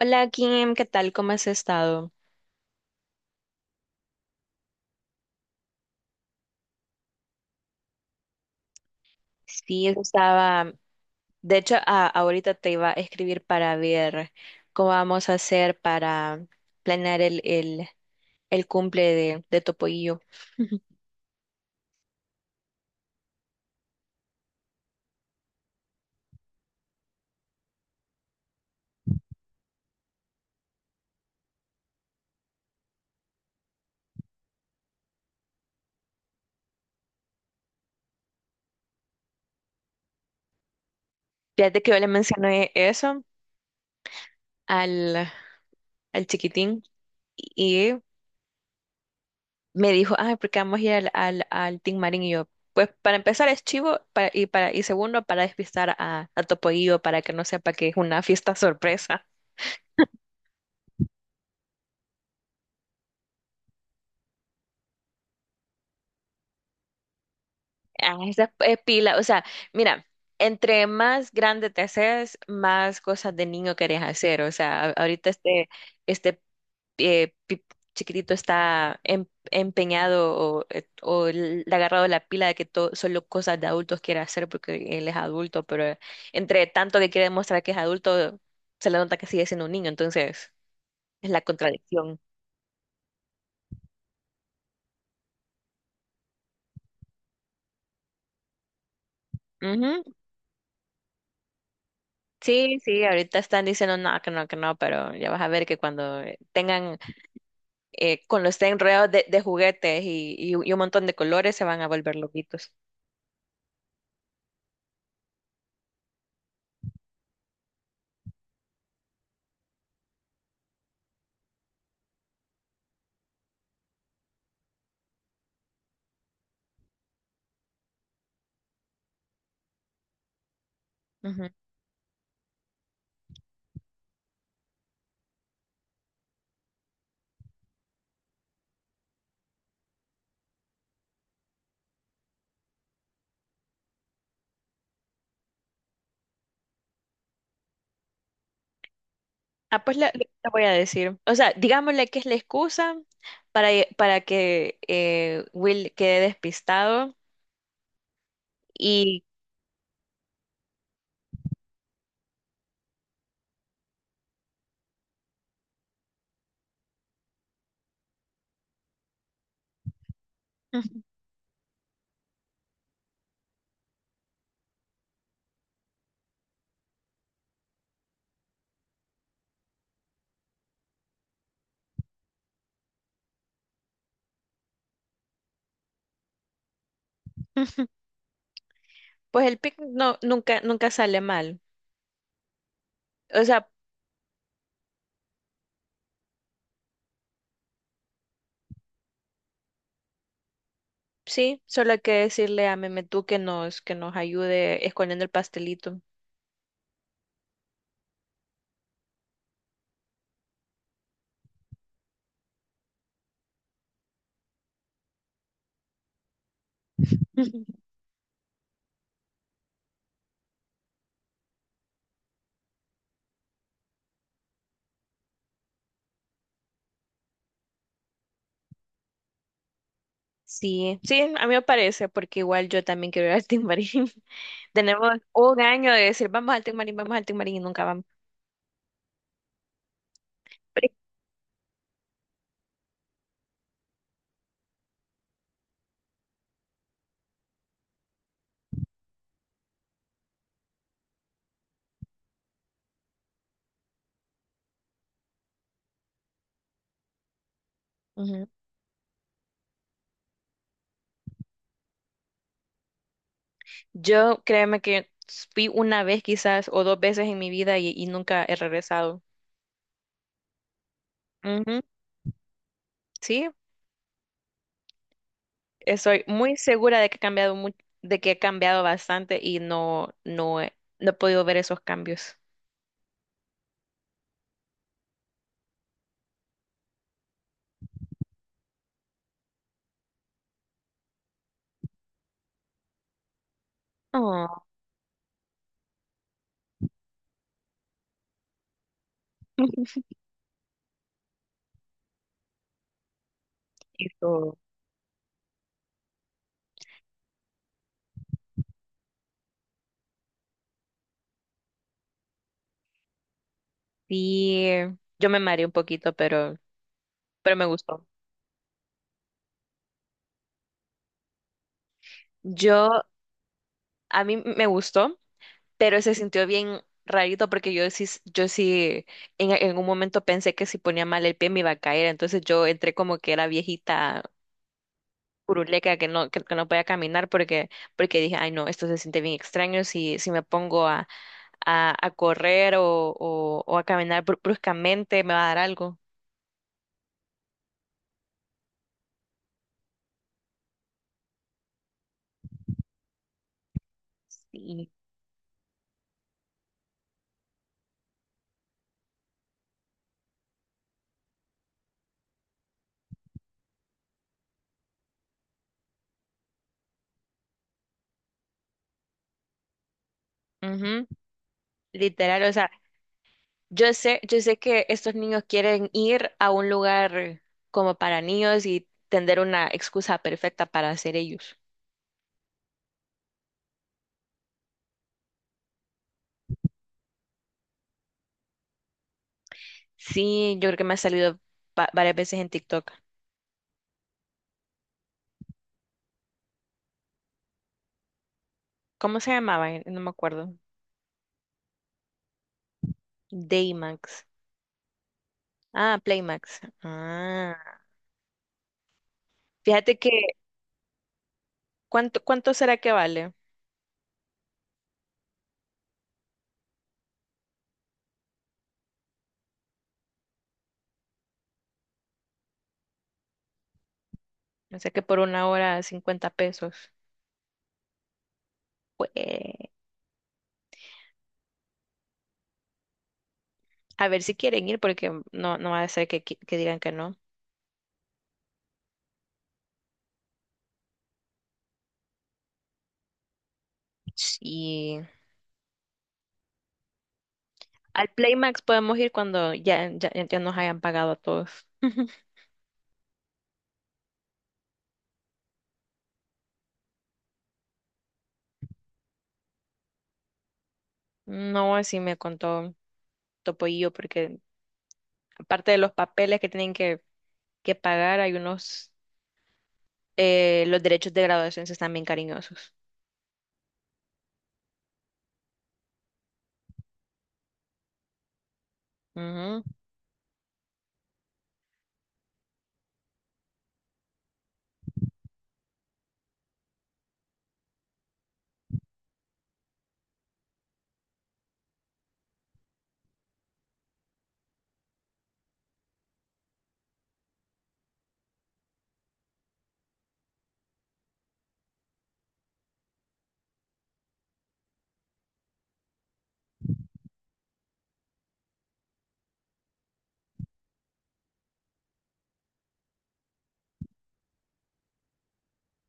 Hola Kim, ¿qué tal? ¿Cómo has estado? Sí, eso estaba. De hecho, ahorita te iba a escribir para ver cómo vamos a hacer para planear el cumple de tu pollillo. Fíjate que yo le mencioné eso al, al chiquitín y me dijo, ah, porque vamos a ir al Tin Marín. Y yo, pues para empezar es chivo y segundo, para despistar a tu pollillo para que no sepa que es una fiesta sorpresa. Ah, esa pila, o sea, mira, entre más grande te haces, más cosas de niño querés hacer. O sea, ahorita este eh, pi- chiquitito está empeñado o le ha agarrado la pila de que todo, solo cosas de adultos quiere hacer porque él es adulto, pero entre tanto que quiere demostrar que es adulto, se le nota que sigue siendo un niño, entonces es la contradicción. Ujú. Sí, sí, ahorita están diciendo no, que no, que no, pero ya vas a ver que cuando tengan con los enredados de juguetes y un montón de colores se van a volver loquitos. Ujú. Ah, pues le voy a decir. O sea, digámosle que es la excusa para, para que Will quede despistado y pues el picnic no, nunca, nunca sale mal. O sea, sí, solo hay que decirle a Memetú que nos ayude escondiendo el pastelito. Sí, sí, a mí me parece, porque igual yo también quiero ir al Timbari. Tenemos un año de decir, vamos al Tic Marín, vamos al Tic Marín y nunca vamos. Ujú. Yo créeme que fui una vez quizás o dos veces en mi vida nunca he regresado. Ujú. Sí, estoy muy segura de que he cambiado bastante y no, no he podido ver esos cambios. Oh, eso. Sí, yo me mareé un poquito, pero me gustó. Yo, a mí me gustó. Pero se sintió bien rarito porque yo sí en un momento pensé que si ponía mal el pie me iba a caer, entonces yo entré como que era viejita curuleca que no, que no podía caminar porque, porque dije, ay no, esto se siente bien extraño si, me pongo a correr o a caminar bruscamente me va a dar algo. Sí. Ujú. Literal, o sea, yo sé que estos niños quieren ir a un lugar como para niños y tender una excusa perfecta para hacer ellos. Sí, yo creo que me ha salido varias veces en TikTok. ¿Cómo se llamaba? No me acuerdo. Daymax. Ah, Playmax. Ah. Fíjate que, cuánto será que vale. O sea que por 1 hora 50 pesos. Pues, a ver si quieren ir, porque no, no va a ser que, que digan que no. Y al Playmax podemos ir cuando ya nos hayan pagado a todos. No, así me contó Topollillo, porque aparte de los papeles que tienen que pagar, hay unos. Los derechos de graduación sí están bien cariñosos. Ujú.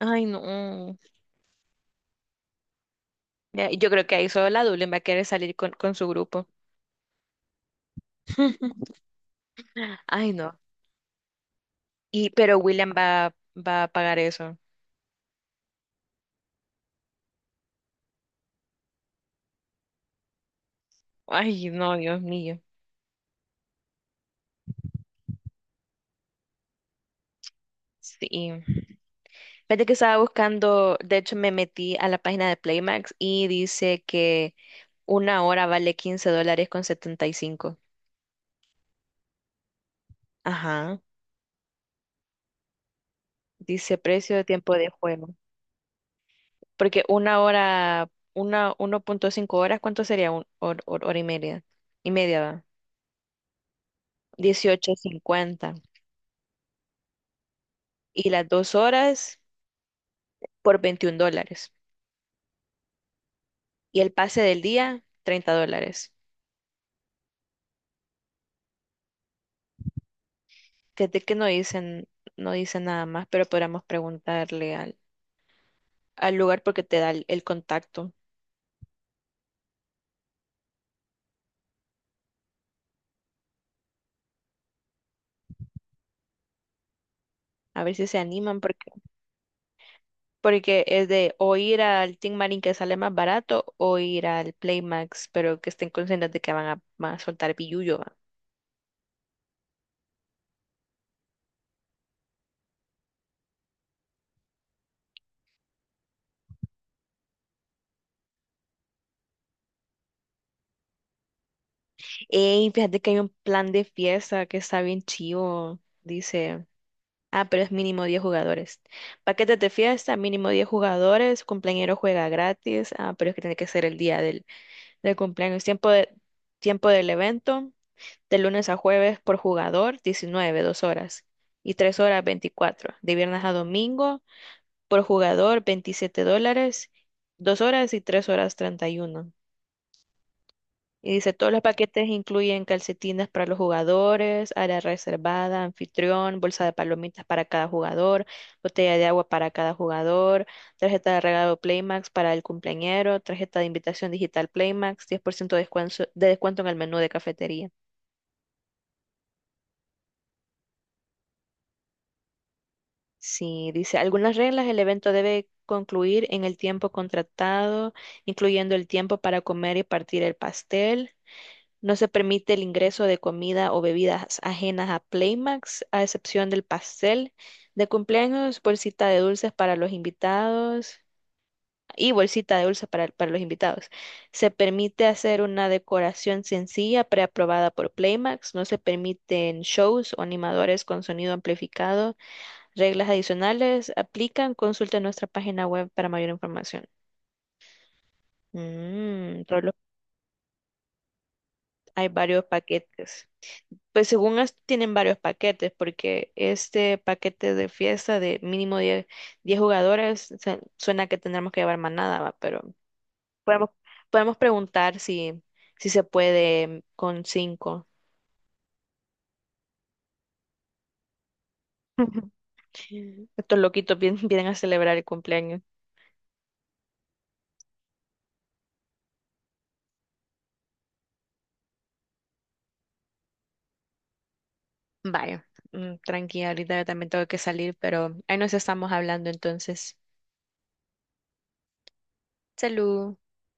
Ay, no. Ya, yo creo que ahí solo la Dublin va a querer salir con su grupo. Ay, no. Y, pero William va a pagar eso. Ay, no, Dios mío. Sí. Fíjate que estaba buscando, de hecho me metí a la página de Playmax y dice que 1 hora vale $15.75. Ajá. Dice precio de tiempo de juego. Porque una hora, 1.5 horas, ¿cuánto sería? Un, hor- hor- hora y media. Y media, va. 18.50. Y las 2 horas por $21. Y el pase del día, $30. Fíjate que no dicen nada más, pero podríamos preguntarle al lugar porque te da el contacto. A ver si se animan, porque, porque es de o ir al Team Marín que sale más barato o ir al Playmax, pero que estén conscientes de que van a soltar billullo. Ey, fíjate que hay un plan de fiesta que está bien chivo, dice. Ah, pero es mínimo 10 jugadores. Paquetes de fiesta, mínimo 10 jugadores, cumpleañero juega gratis. Ah, pero es que tiene que ser el día del cumpleaños. Tiempo del evento, de lunes a jueves por jugador, 19, 2 horas. Y 3 horas, 24. De viernes a domingo, por jugador, $27, 2 horas y 3 horas, 31. Y dice, todos los paquetes incluyen calcetines para los jugadores, área reservada, anfitrión, bolsa de palomitas para cada jugador, botella de agua para cada jugador, tarjeta de regalo Playmax para el cumpleañero, tarjeta de invitación digital Playmax, 10% de descuento en el menú de cafetería. Sí, dice, algunas reglas, el evento debe concluir en el tiempo contratado, incluyendo el tiempo para comer y partir el pastel. No se permite el ingreso de comida o bebidas ajenas a Playmax, a excepción del pastel de cumpleaños, bolsita de dulces para los invitados y bolsita de dulces para los invitados. Se permite hacer una decoración sencilla preaprobada por Playmax. No se permiten shows o animadores con sonido amplificado. Reglas adicionales aplican. Consulta nuestra página web para mayor información. Rolo, hay varios paquetes. Pues según esto tienen varios paquetes, porque este paquete de fiesta de mínimo 10 jugadores suena que tendremos que llevar manada, va, pero podemos, podemos preguntar si, si se puede con cinco. Estos loquitos vienen a celebrar el cumpleaños. Vaya, tranqui, ahorita yo también tengo que salir, pero ahí nos estamos hablando entonces. Salud.